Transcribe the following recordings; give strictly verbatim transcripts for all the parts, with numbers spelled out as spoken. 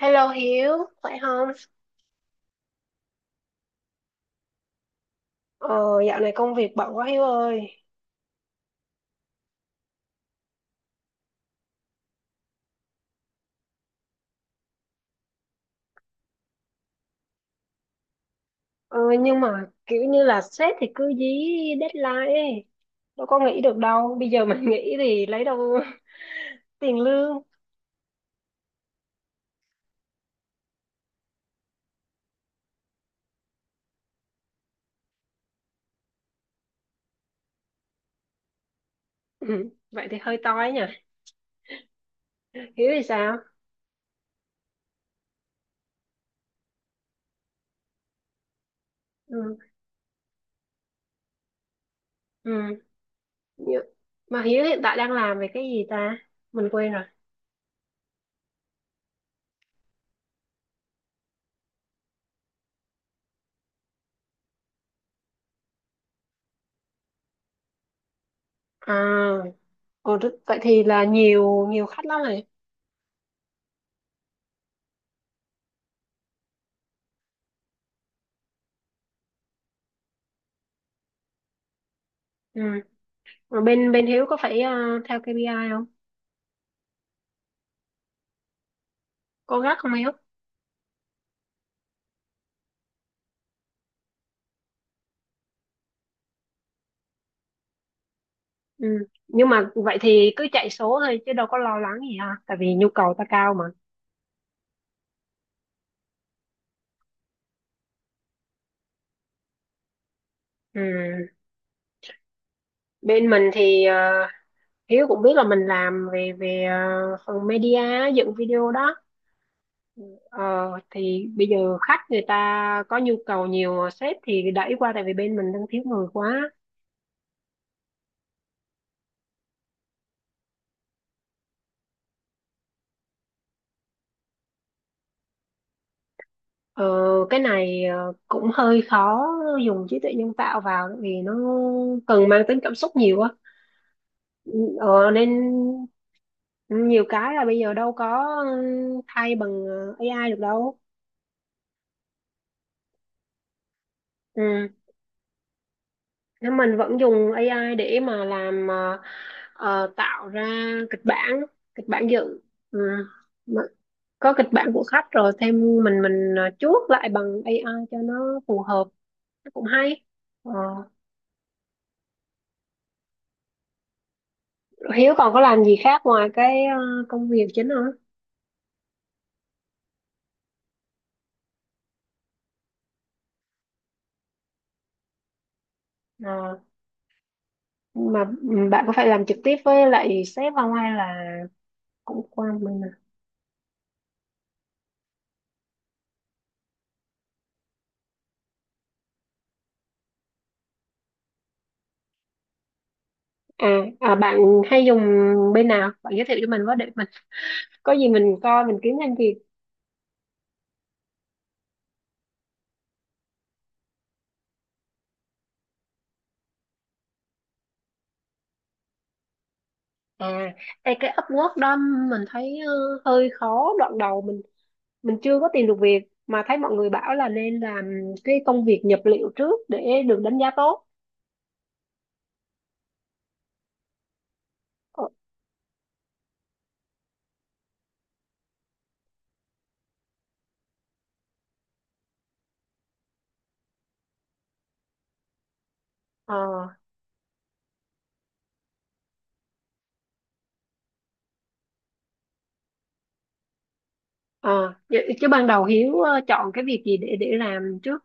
Hello Hiếu, khỏe không? Ờ, dạo này công việc bận quá Hiếu ơi. Ờ, nhưng mà kiểu như là sếp thì cứ dí deadline ấy. Đâu có nghỉ được đâu. Bây giờ mình nghỉ thì lấy đâu tiền lương. Ừ, vậy thì hơi toi nhỉ. Hiếu thì sao? Ừ, ừ. Như- Mà Hiếu hiện tại đang làm về cái gì ta? Mình quên rồi. À, ồ, rất- vậy thì là nhiều nhiều khách lắm này. Ừ. Mà bên bên Hiếu có phải ờ, theo ca pê i không? Có gắt không Hiếu? Ừ. Nhưng mà vậy thì cứ chạy số thôi chứ đâu có lo lắng gì ha, tại vì nhu cầu ta cao mà. Ừ. Bên mình thì ờ, Hiếu cũng biết là mình làm về về ờ, phần media dựng video đó. Ờ, thì bây giờ khách người ta có nhu cầu nhiều sếp thì đẩy qua tại vì bên mình đang thiếu người quá. Ờ, cái này ờ, cũng hơi khó dùng trí tuệ nhân tạo vào tại vì nó cần mang tính cảm xúc nhiều á. Ừ, ờ, nên nhiều cái là bây giờ đâu có ừ, thay bằng ờ, A I được đâu ừ. Nếu mình vẫn dùng A I để mà làm ờ, ờ, tạo ra kịch bản kịch bản dự ừ. Mà có kịch bản của khách rồi thêm mình mình ờ, chuốt lại bằng A I cho nó phù hợp nó cũng hay. Ờ, Hiếu còn có làm gì khác ngoài cái ờ, công việc chính không? Ờ, mà ừ, bạn có phải làm trực tiếp với lại sếp không hay là cũng qua mình? À, à bạn hay dùng bên nào? Bạn giới thiệu cho mình với để mình có gì mình coi mình kiếm thêm việc. À, ê, cái Upwork đó mình thấy ờ, hơi khó đoạn đầu mình mình chưa có tìm được việc mà thấy mọi người bảo là nên làm cái công việc nhập liệu trước để được đánh giá tốt. Ờ, ờ, ờ, chứ chứ ban đầu Hiếu ờ, chọn cái việc gì để để làm trước.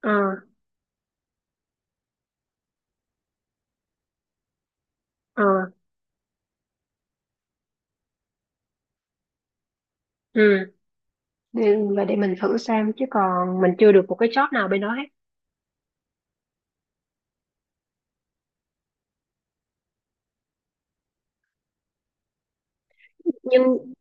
Ờ, ờ, ừ. Để- Và để mình thử xem chứ còn mình chưa được một cái job nào bên đó hết. Nhưng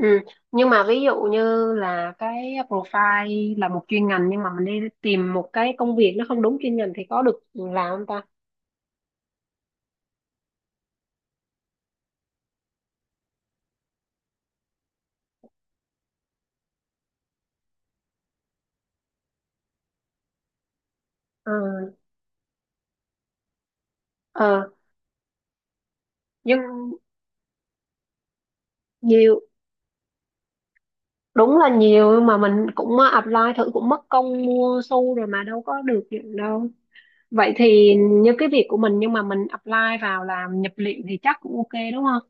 Ừ. Nhưng mà ví dụ như là cái profile là một chuyên ngành nhưng mà mình đi tìm một cái công việc nó không đúng chuyên ngành thì có được làm không ta? Ờ, ờ, nhưng nhiều, đúng là nhiều nhưng mà mình cũng ờ, apply thử cũng mất công mua xu rồi mà đâu có được gì đâu. Vậy thì như cái việc của mình nhưng mà mình apply vào làm nhập liệu thì chắc cũng ok đúng không?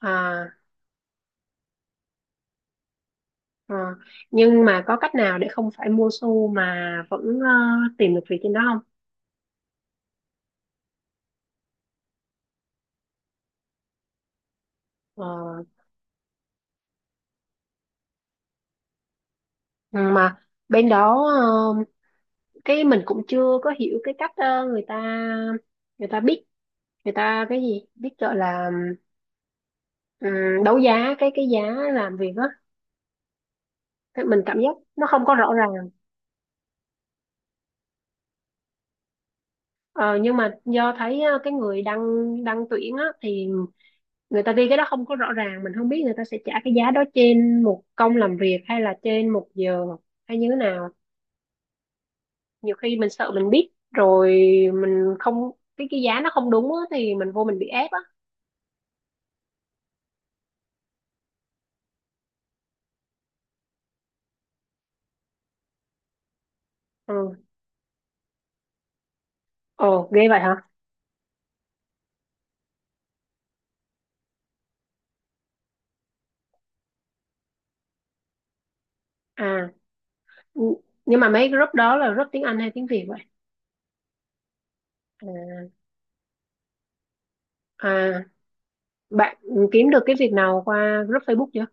À, ờ. Nhưng mà có cách nào để không phải mua xu mà vẫn ờ, tìm được việc trên đó không? Ờ. Ừ, mà bên đó ờ, cái mình cũng chưa có hiểu cái cách ờ, người ta người ta biết người ta cái gì biết gọi là ừm, đấu giá cái cái giá làm việc á. Thế mình cảm giác nó không có rõ ràng. Ờ, nhưng mà do thấy ờ, cái người đăng đăng tuyển á thì người ta ghi cái đó không có rõ ràng, mình không biết người ta sẽ trả cái giá đó trên một công làm việc hay là trên một giờ hay như thế nào. Nhiều khi mình sợ mình biết rồi mình không, cái cái giá nó không đúng á, thì mình vô mình bị ép á. Ừ. Ồ, ghê vậy hả? À, n- nhưng mà mấy group đó là group tiếng Anh hay tiếng Việt vậy? À, à bạn kiếm được cái việc nào qua group Facebook chưa?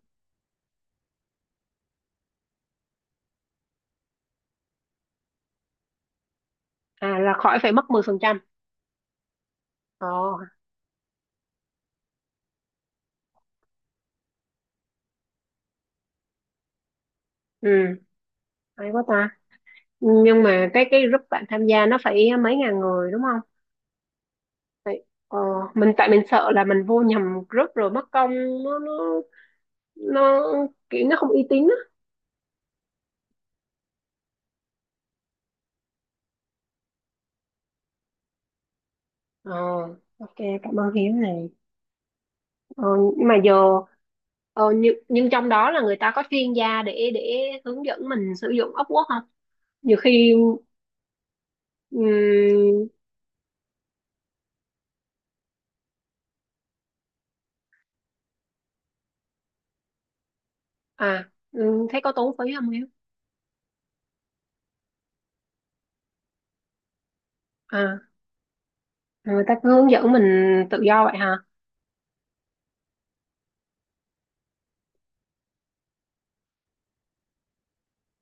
À, là khỏi phải mất mười phần trăm. Ồ, ừ, hay quá ta. Nhưng mà cái cái group bạn tham gia nó phải mấy ngàn người đúng không? Vậy, ờ, mình tại mình sợ là mình vô nhầm group rồi mất công nó nó nó kiểu nó không uy tín á. Ờ, ok, cảm ơn Hiếu này. Ờ, nhưng mà giờ Ờ, nhưng, nhưng trong đó là người ta có chuyên gia để để hướng dẫn mình sử dụng ốc guốc không? Nhiều khi ừm, à ừm, thấy có tốn phí không em? À, người ta cứ hướng dẫn mình tự do vậy hả?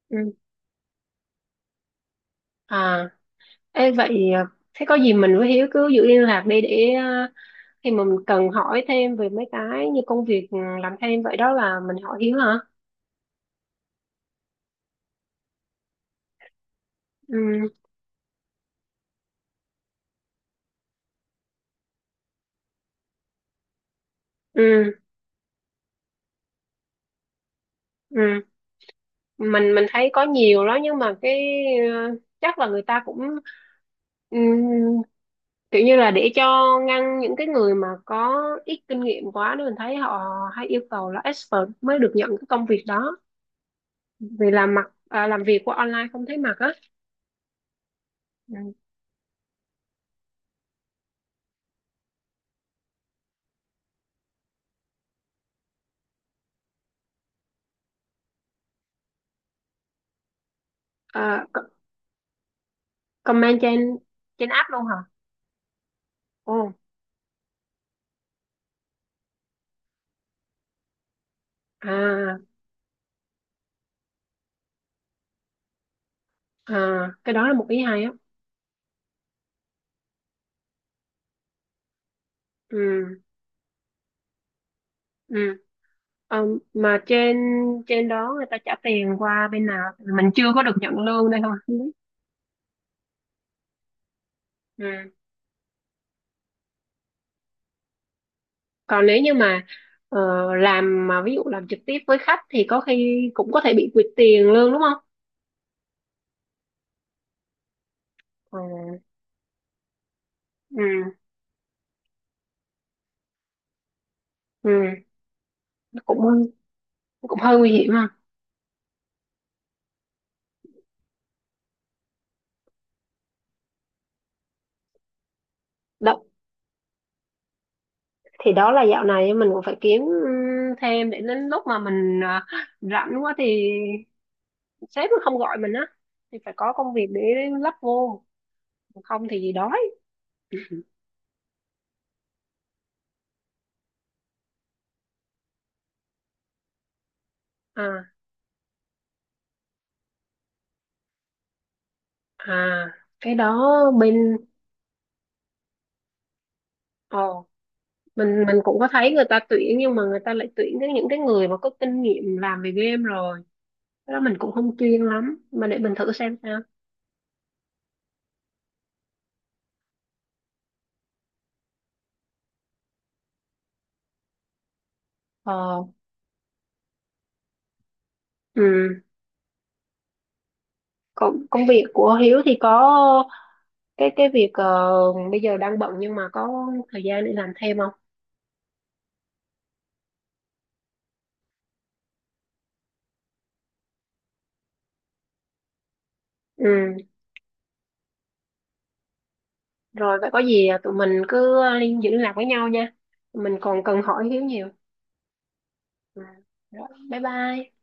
Ừ. À ê, vậy à, thế có gì mình với Hiếu cứ giữ liên lạc đi để à, khi mà mình cần hỏi thêm về mấy cái như công việc ừ, làm thêm vậy đó là mình hỏi Hiếu hả? Ừ, ừ, ừ, mình mình thấy có nhiều đó nhưng mà cái ờ, chắc là người ta cũng ừ, kiểu như là để cho ngăn những cái người mà có ít kinh nghiệm quá nên mình thấy họ hay yêu cầu là expert mới được nhận cái công việc đó. Vì làm mặt à, làm việc qua online không thấy mặt á. Ừ. À, co- comment trên trên app luôn hả? Ồ, à, à cái đó là một ý hay á. Ừ, ừ. Ờ, mà trên trên đó người ta trả tiền qua bên nào mình chưa có được nhận lương đây không? Ừ, còn nếu như mà ờ, làm mà ví dụ làm trực tiếp với khách thì có khi cũng có thể bị quỵt tiền lương đúng không? Ờ, ừ, ừ nó cũng cũng hơi nguy hiểm ha. Đó thì đó là dạo này mình cũng phải kiếm ừ, thêm để đến lúc mà mình à, rảnh quá thì sếp nó không gọi mình á thì phải có công việc để lắp vô, không thì gì đói. À, à cái đó bên ờ, mình mình cũng có thấy người ta tuyển nhưng mà người ta lại tuyển cái những cái người mà có kinh nghiệm làm về game rồi. Cái đó mình cũng không chuyên lắm mà để mình thử xem sao. Ờ, ừ, công công việc của Hiếu thì có cái cái việc ờ, bây giờ đang bận nhưng mà có thời gian để làm thêm không? Ừ, rồi vậy có gì à, tụi mình cứ liên giữ liên lạc với nhau nha. Mình còn cần hỏi Hiếu nhiều. Ừ. Rồi bye bye.